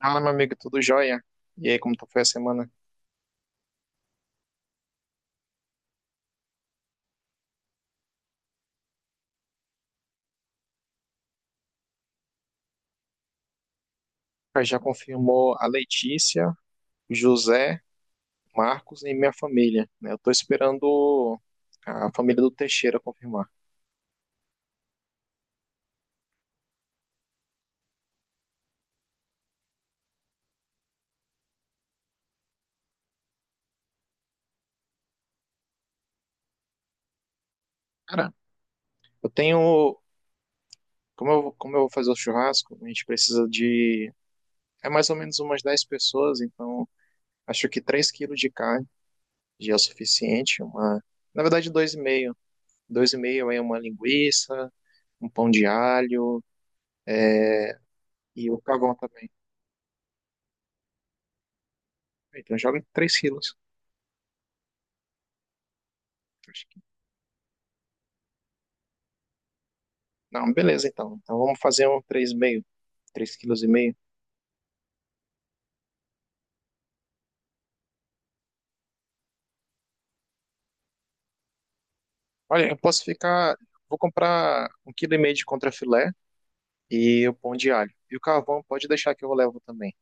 Fala, meu amigo, tudo jóia? E aí, foi a semana? Já confirmou a Letícia, José, Marcos e minha família, né? Eu tô esperando a família do Teixeira confirmar. Cara, eu tenho... Como eu vou fazer o churrasco, a gente precisa de... É mais ou menos umas 10 pessoas, então acho que 3 quilos de carne já é o suficiente. Uma, na verdade, dois e meio, 2,5 é uma linguiça, um pão de alho e o carvão também. Então joga 3 quilos. Não, beleza então. Então vamos fazer um 3,5 quilos. Olha, eu posso ficar. Vou comprar 1,5 quilo de contrafilé e o pão de alho. E o carvão pode deixar que eu levo também.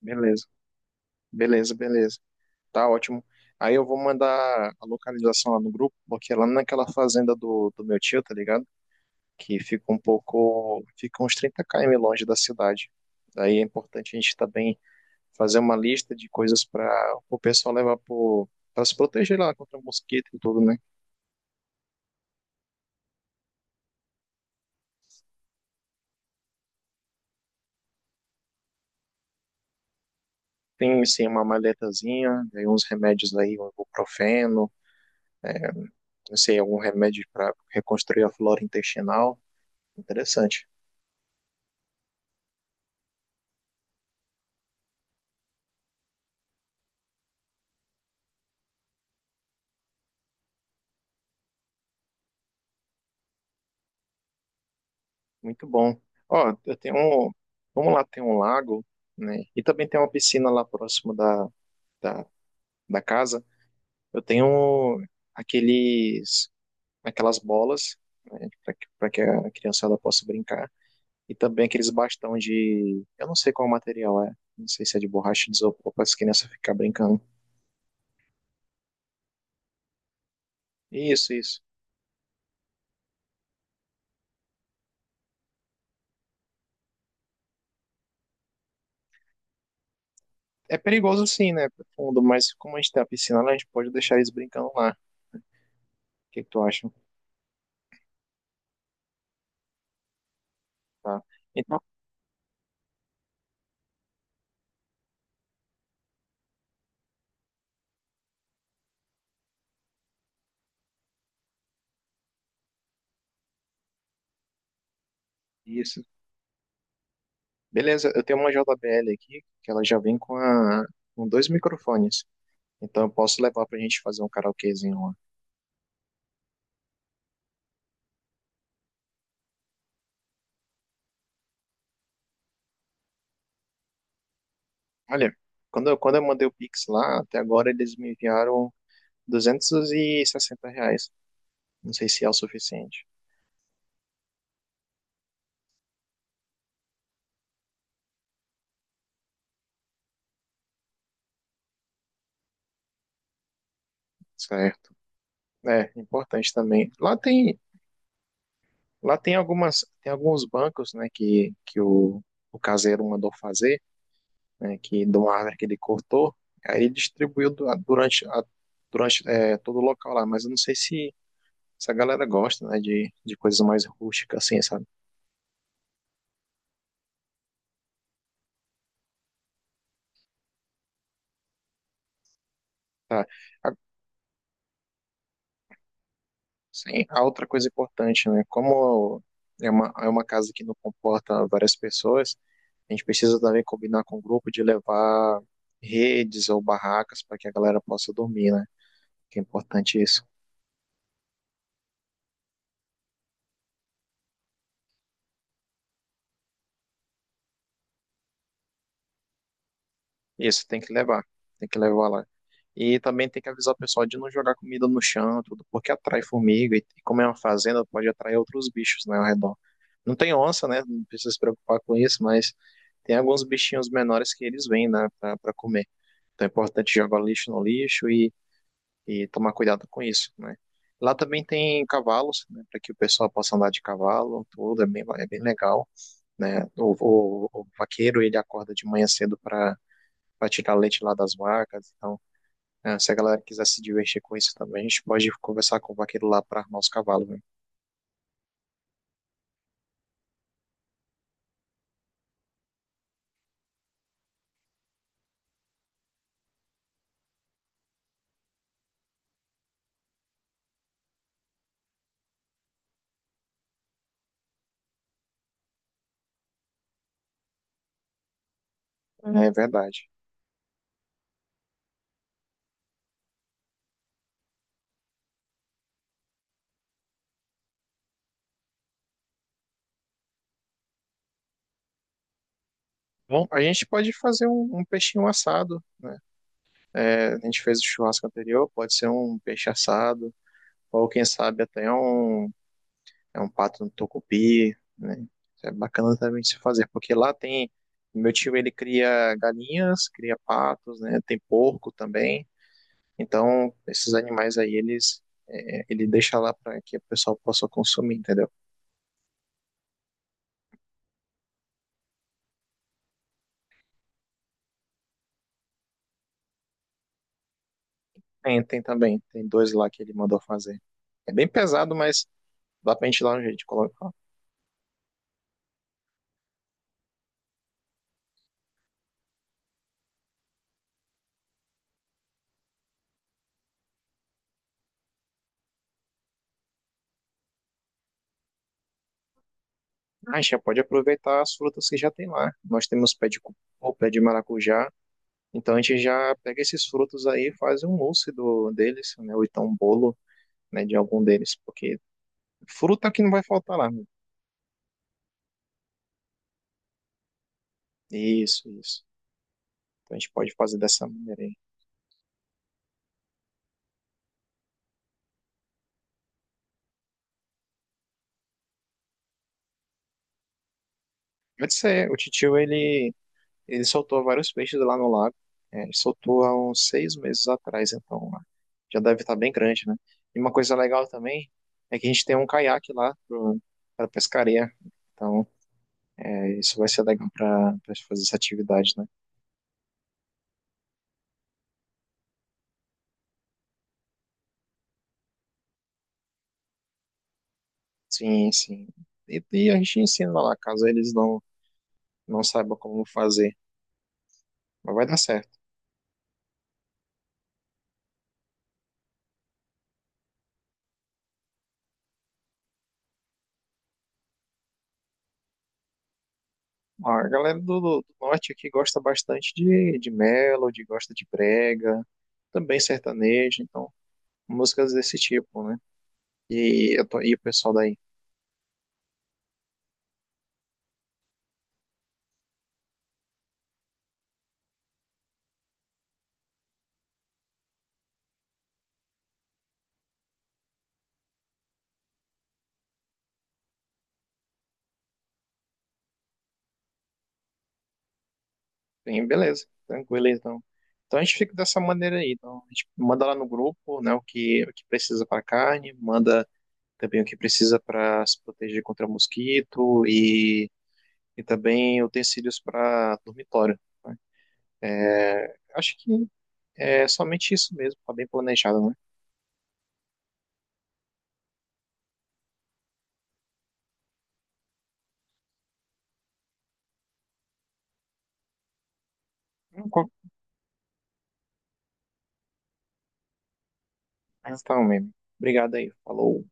Beleza, beleza, beleza. Tá ótimo. Aí eu vou mandar a localização lá no grupo, porque é lá naquela fazenda do meu tio, tá ligado? Que fica um pouco. Fica uns 30 km longe da cidade. Daí é importante a gente estar bem, fazer uma lista de coisas para o pessoal levar, para se proteger lá contra mosquito e tudo, né? Tem, assim, uma maletazinha, aí uns remédios aí, um ibuprofeno, é, não sei, algum remédio para reconstruir a flora intestinal. Interessante, muito bom. Ó, eu tenho um, vamos lá, tem um lago, né? E também tem uma piscina lá próximo da, da casa. Eu tenho aqueles, aquelas bolas, né, para que a criançada possa brincar. E também aqueles bastão de... Eu não sei qual material é. Não sei se é de borracha, de isopor, para as crianças ficar brincando. Isso, isso. É perigoso sim, né? Pro fundo, mas como a gente tem a piscina lá, a gente pode deixar eles brincando lá. O que que tu acha? Tá. Então, isso. Beleza, eu tenho uma JBL aqui, que ela já vem com, com dois microfones. Então eu posso levar pra gente fazer um karaokezinho lá. Olha, quando eu mandei o Pix lá, até agora eles me enviaram R$ 260. Não sei se é o suficiente. Certo. É, importante também. Lá tem algumas, tem alguns bancos, né, que o caseiro mandou fazer, né, que de uma árvore que ele cortou, aí ele distribuiu durante, durante, é, todo o local lá, mas eu não sei se a galera gosta, né, de coisas mais rústicas assim, sabe? Tá. Sim, a outra coisa importante, né? Como é uma casa que não comporta várias pessoas, a gente precisa também combinar com o grupo de levar redes ou barracas para que a galera possa dormir, né? Que é importante isso. Isso, tem que levar. Tem que levar lá. E também tem que avisar o pessoal de não jogar comida no chão, tudo, porque atrai formiga. E como é uma fazenda, pode atrair outros bichos, né, ao redor. Não tem onça, né? Não precisa se preocupar com isso, mas tem alguns bichinhos menores que eles vêm, né, pra, pra comer. Então é importante jogar o lixo no lixo e tomar cuidado com isso, né? Lá também tem cavalos, né, para que o pessoal possa andar de cavalo, tudo, é bem legal, né? O vaqueiro, ele acorda de manhã cedo para tirar leite lá das vacas. Então, é, se a galera quiser se divertir com isso também, a gente pode conversar com o vaqueiro lá para armar os cavalos, né? Uhum. É verdade. Bom, a gente pode fazer um peixinho assado, né? É, a gente fez o churrasco anterior, pode ser um peixe assado, ou quem sabe até um, é, um pato no tucupi, né? Isso é bacana também de se fazer, porque lá tem, meu tio ele cria galinhas, cria patos, né? Tem porco também. Então, esses animais aí, eles, é, ele deixa lá para que o pessoal possa consumir, entendeu? Tem, tem também, tem dois lá que ele mandou fazer. É bem pesado, mas dá pra gente ir lá no jeito de colocar. Ah, a gente já pode aproveitar as frutas que já tem lá. Nós temos pé de cupuaçu, pé de maracujá. Então a gente já pega esses frutos aí e faz um mousse deles, né? Ou então um bolo, né, de algum deles. Porque fruta que não vai faltar lá, né? Isso, isso. Então a gente pode fazer dessa maneira aí. Pode ser, o titio, ele soltou vários peixes lá no lago. É, ele soltou há uns 6 meses atrás, então, né, já deve estar bem grande, né? E uma coisa legal também é que a gente tem um caiaque lá para pescaria. Então, é, isso vai ser legal para fazer essa atividade, né? Sim, sim. E a gente ensina lá, caso eles não saibam como fazer. Mas vai dar certo. A galera do norte aqui gosta bastante de melody, gosta de brega, também sertanejo, então músicas desse tipo, né? E, eu tô, e o pessoal daí, bem, beleza, tranquilo, então. Então a gente fica dessa maneira aí. Então, a gente manda lá no grupo, né, o que precisa para carne, manda também o que precisa para se proteger contra mosquito e também utensílios para dormitório, né? É, acho que é somente isso mesmo, tá bem planejado, né? Então, mesmo. Obrigado aí, falou.